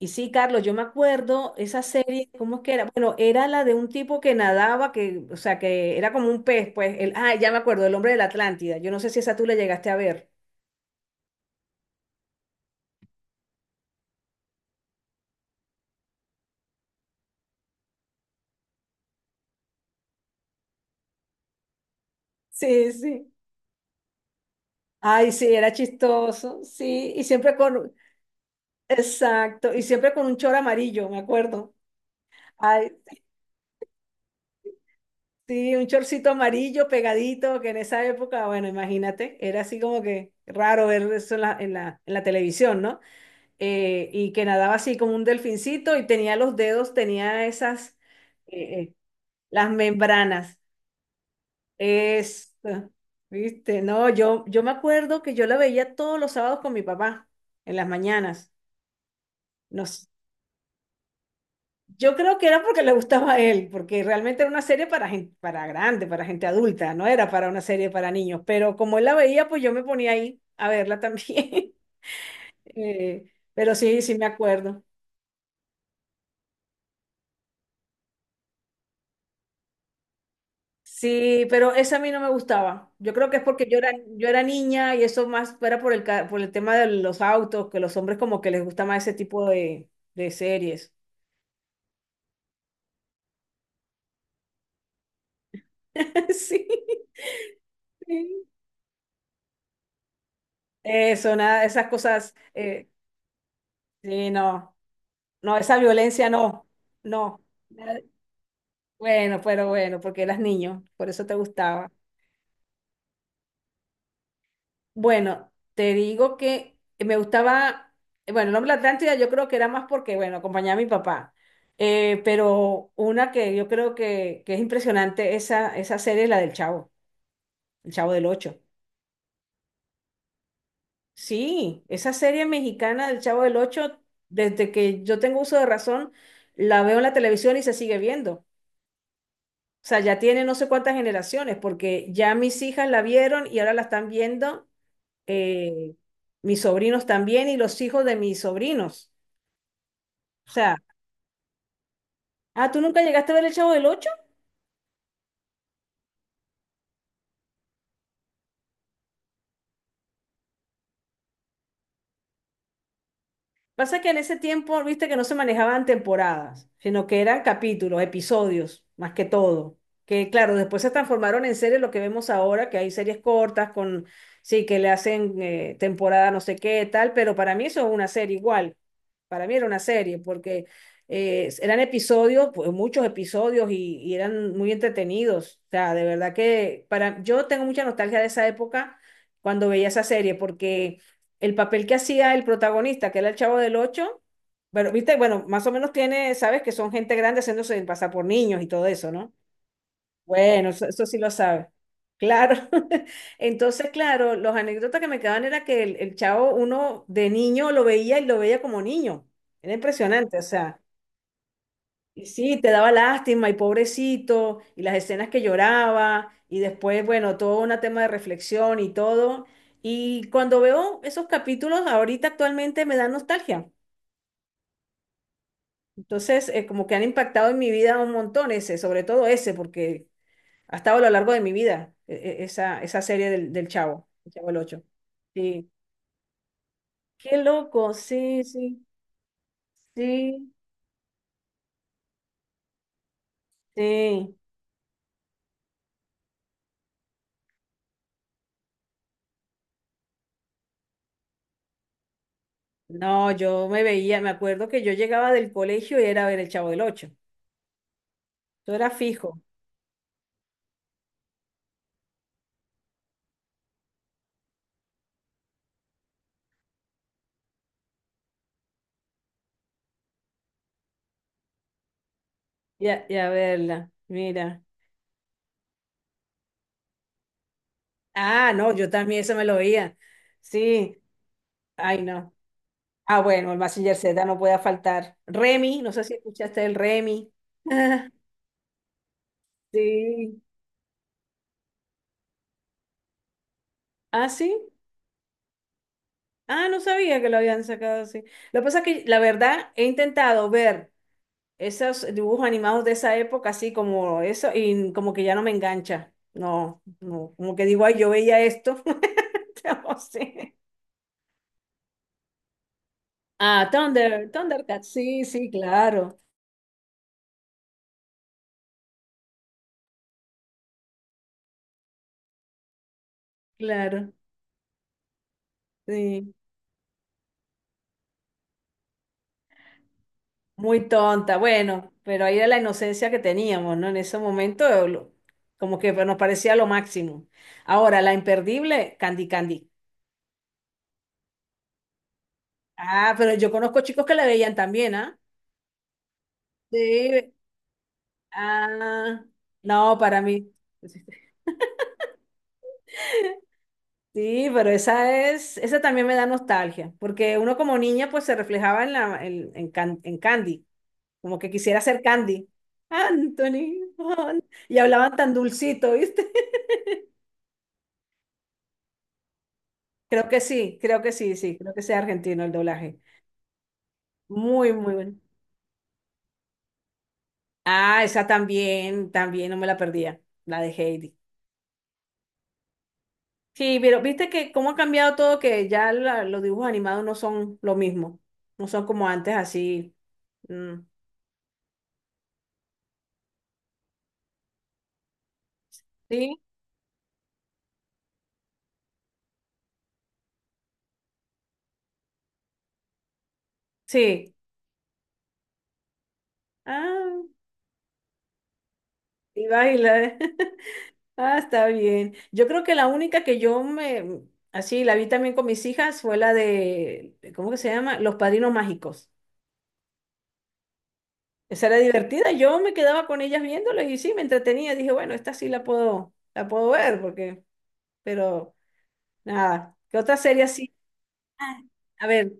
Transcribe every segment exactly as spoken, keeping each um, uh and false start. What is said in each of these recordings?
Y sí, Carlos, yo me acuerdo esa serie, ¿cómo es que era? Bueno, era la de un tipo que nadaba, que, o sea, que era como un pez, pues, el, ah, ya me acuerdo, el hombre de la Atlántida. Yo no sé si esa tú la llegaste a ver. Sí, sí. Ay, sí, era chistoso, sí, y siempre con, exacto, y siempre con un chor amarillo, me acuerdo. Ay, sí, un chorcito amarillo pegadito, que en esa época, bueno, imagínate, era así como que raro ver eso en la, en la, en la televisión, ¿no? Eh, y que nadaba así como un delfincito y tenía los dedos, tenía esas, eh, eh, las membranas. Es, ¿Viste? No, yo, yo me acuerdo que yo la veía todos los sábados con mi papá, en las mañanas. Nos, yo creo que era porque le gustaba a él, porque realmente era una serie para gente, para grande, para gente adulta, no era para una serie para niños, pero como él la veía, pues yo me ponía ahí a verla también. Eh, pero sí, sí me acuerdo. Sí, pero esa a mí no me gustaba. Yo creo que es porque yo era, yo era niña y eso más era por el, ca- por el tema de los autos, que los hombres como que les gusta más ese tipo de, de series. Sí. Sí. Eso, nada, esas cosas. Eh, sí, no. No, esa violencia no. No. Bueno, pero bueno, porque eras niño, por eso te gustaba. Bueno, te digo que me gustaba, eh, bueno, el nombre de la Atlántida yo creo que era más porque, bueno, acompañaba a mi papá. Eh, pero una que yo creo que, que es impresionante, esa, esa serie es la del Chavo, el Chavo del Ocho. Sí, esa serie mexicana del Chavo del Ocho, desde que yo tengo uso de razón, la veo en la televisión y se sigue viendo. O sea, ya tiene no sé cuántas generaciones, porque ya mis hijas la vieron y ahora la están viendo eh, mis sobrinos también y los hijos de mis sobrinos. O sea, ah, ¿tú nunca llegaste a ver el Chavo del Ocho? Pasa que en ese tiempo, viste que no se manejaban temporadas, sino que eran capítulos, episodios, más que todo. Que claro, después se transformaron en series lo que vemos ahora, que hay series cortas con, sí, que le hacen eh, temporada no sé qué, tal, pero para mí eso es una serie igual. Para mí era una serie, porque eh, eran episodios, pues, muchos episodios y, y eran muy entretenidos. O sea, de verdad que para, yo tengo mucha nostalgia de esa época cuando veía esa serie, porque el papel que hacía el protagonista, que era el Chavo del Ocho, pero viste, bueno, más o menos tiene, sabes que son gente grande haciéndose pasar por niños y todo eso, ¿no? Bueno, eso, eso sí lo sabes. Claro. Entonces, claro, los anécdotas que me quedaban era que el, el chavo, uno de niño lo veía y lo veía como niño. Era impresionante, o sea. Y sí, te daba lástima y pobrecito, y las escenas que lloraba, y después, bueno, todo un tema de reflexión y todo. Y cuando veo esos capítulos, ahorita actualmente me dan nostalgia. Entonces, eh, como que han impactado en mi vida un montón ese, sobre todo ese, porque ha estado a lo largo de mi vida, e- e- esa, esa serie del, del Chavo, el Chavo el Ocho. Sí. Qué loco, sí, sí, sí, sí. No, yo me veía, me acuerdo que yo llegaba del colegio y era a ver el Chavo del Ocho. Tú eras fijo. Ya, ya verla, mira. Ah, no, yo también eso me lo oía. Sí, ay, no. Ah, bueno, el Mazinger zeta no puede faltar. Remy, no sé si escuchaste el Remy. Sí. Ah, sí. Ah, no sabía que lo habían sacado así. Lo que pasa es que, la verdad, he intentado ver esos dibujos animados de esa época, así como eso, y como que ya no me engancha. No, no, como que digo, ay, yo veía esto. No sé. Ah, Thunder, Thundercats, sí, sí, claro, claro, sí, muy tonta, bueno, pero ahí era la inocencia que teníamos, ¿no? En ese momento, lo- como que nos parecía lo máximo. Ahora, la imperdible, Candy Candy. Ah, pero yo conozco chicos que la veían también, ¿ah? Sí, ah, no, para mí. Sí, pero esa es, esa también me da nostalgia, porque uno como niña pues se reflejaba en la, en, en Can- en Candy. Como que quisiera ser Candy. Anthony, Juan. Y hablaban tan dulcito, ¿viste? Creo que sí, creo que sí, sí, creo que sea argentino el doblaje. Muy, muy bueno. Ah, esa también, también no me la perdía, la de Heidi. Sí, pero viste que cómo ha cambiado todo, que ya la- los dibujos animados no son lo mismo, no son como antes así. Mm. ¿Sí? Sí. Ah, y baila. Ah, está bien. Yo creo que la única que yo me, así, la vi también con mis hijas fue la de, ¿cómo que se llama? Los Padrinos Mágicos. Esa era divertida. Yo me quedaba con ellas viéndola y sí, me entretenía. Dije, bueno, esta sí la puedo, la puedo ver, porque, pero nada. ¿Qué otra serie así? Ah, a ver,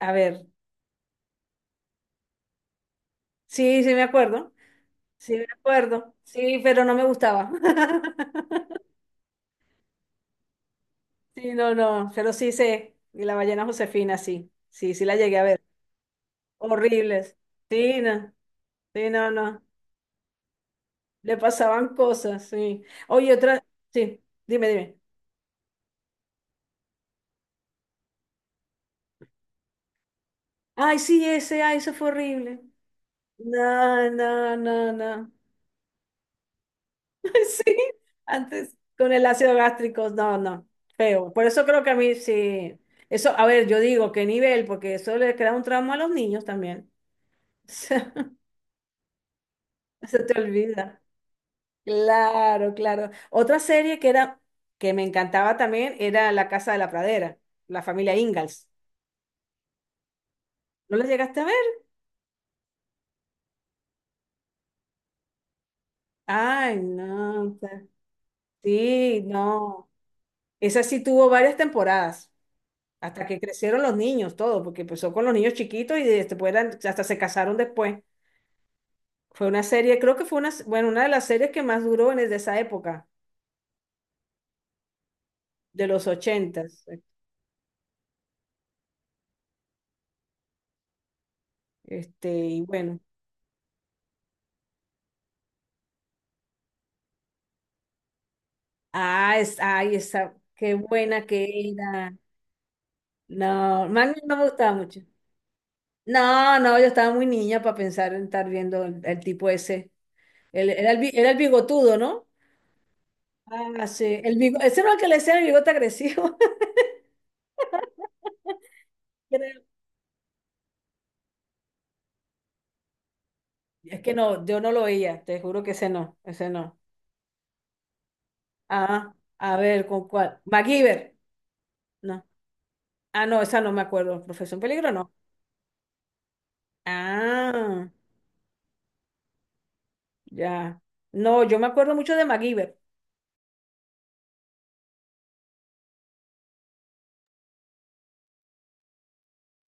a ver. Sí, sí me acuerdo. Sí me acuerdo. Sí, pero no me gustaba. Sí, no, no. Pero sí sé. Y la ballena Josefina, sí. Sí, sí la llegué a ver. Horribles. Sí, no, sí, no, no. Le pasaban cosas, sí. Oye, otra, sí, dime, dime. Ay, sí, ese, ay, eso fue horrible. No, no, no, no. Sí, antes con el ácido gástrico, no, no, feo. Por eso creo que a mí sí. Eso, a ver, yo digo, ¿qué nivel? Porque eso le crea un trauma a los niños también. Se te olvida. Claro, claro. Otra serie que era, que me encantaba también era La Casa de la Pradera, la familia Ingalls. ¿No la llegaste a ver? Ay, no. ta- Sí, no. Esa sí tuvo varias temporadas, hasta que crecieron los niños, todo, porque empezó con los niños chiquitos y después eran- hasta se casaron después. Fue una serie, creo que fue una, bueno, una de las series que más duró en, de esa época, de los ochentas. Este, y bueno. Ah, es, ay, esa, qué buena que era. No, Magnum no me gustaba mucho. No, no, yo estaba muy niña para pensar en estar viendo el, el tipo ese. El- era, el, bi- era el bigotudo, ¿no? Ah, sí. El bigo- ese no era el que le decían el bigote agresivo. Creo. Es que no, yo no lo veía, te juro que ese no, ese no. Ah, a ver, ¿con cuál? MacGyver. No. Ah, no, esa no me acuerdo. Profesión Peligro, no. Ah, ya. No, yo me acuerdo mucho de MacGyver.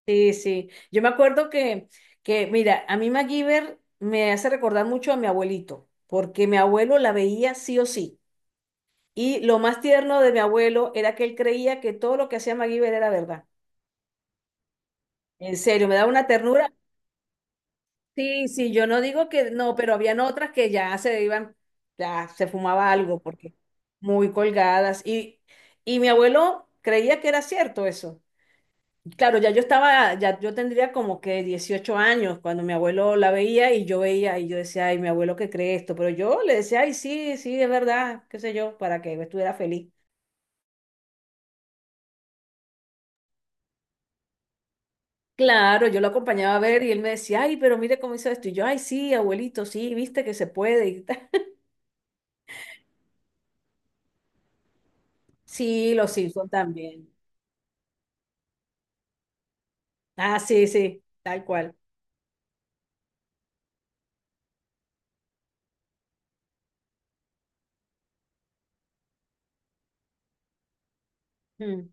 Sí, sí. Yo me acuerdo que, que, mira, a mí MacGyver me hace recordar mucho a mi abuelito, porque mi abuelo la veía sí o sí. Y lo más tierno de mi abuelo era que él creía que todo lo que hacía MacGyver era verdad. En serio, me daba una ternura. Sí, sí, yo no digo que no, pero habían otras que ya se iban, ya se fumaba algo, porque muy colgadas. Y, y mi abuelo creía que era cierto eso. Claro, ya yo estaba, ya yo tendría como que dieciocho años cuando mi abuelo la veía y yo veía y yo decía, ay, mi abuelo que cree esto, pero yo le decía, ay, sí, sí, es verdad, qué sé yo, para que estuviera feliz. Claro, yo lo acompañaba a ver y él me decía, ay, pero mire cómo hizo esto. Y yo, ay, sí, abuelito, sí, viste que se puede. Y tal. Sí, los Simpson también. Ah, sí, sí, tal cual. Mm,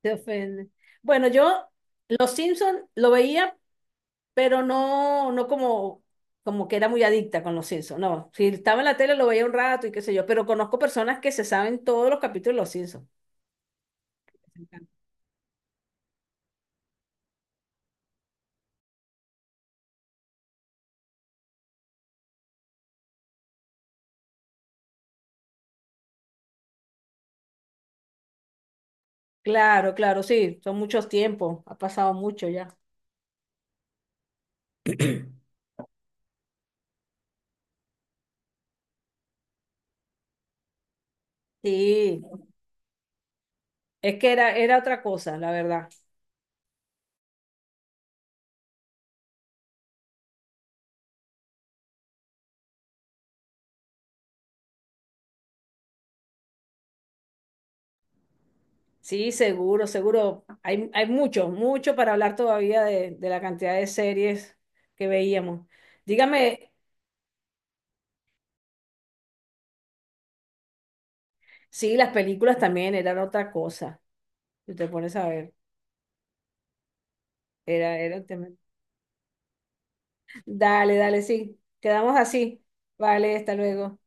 te ofende. Bueno, yo los Simpson lo veía pero no, no como, como que era muy adicta con los Simpsons, no. Si estaba en la tele lo veía un rato y qué sé yo, pero conozco personas que se saben todos los capítulos de los Simpsons. Me encanta. Claro, claro, sí, son muchos tiempos, ha pasado mucho ya. Sí, es que era, era otra cosa, la verdad. Sí, seguro, seguro. Hay, hay mucho, mucho para hablar todavía de, de la cantidad de series que veíamos. Dígame, sí, las películas también eran otra cosa, si te pones a ver, era, era un tema. Dale, dale, sí. Quedamos así. Vale, hasta luego.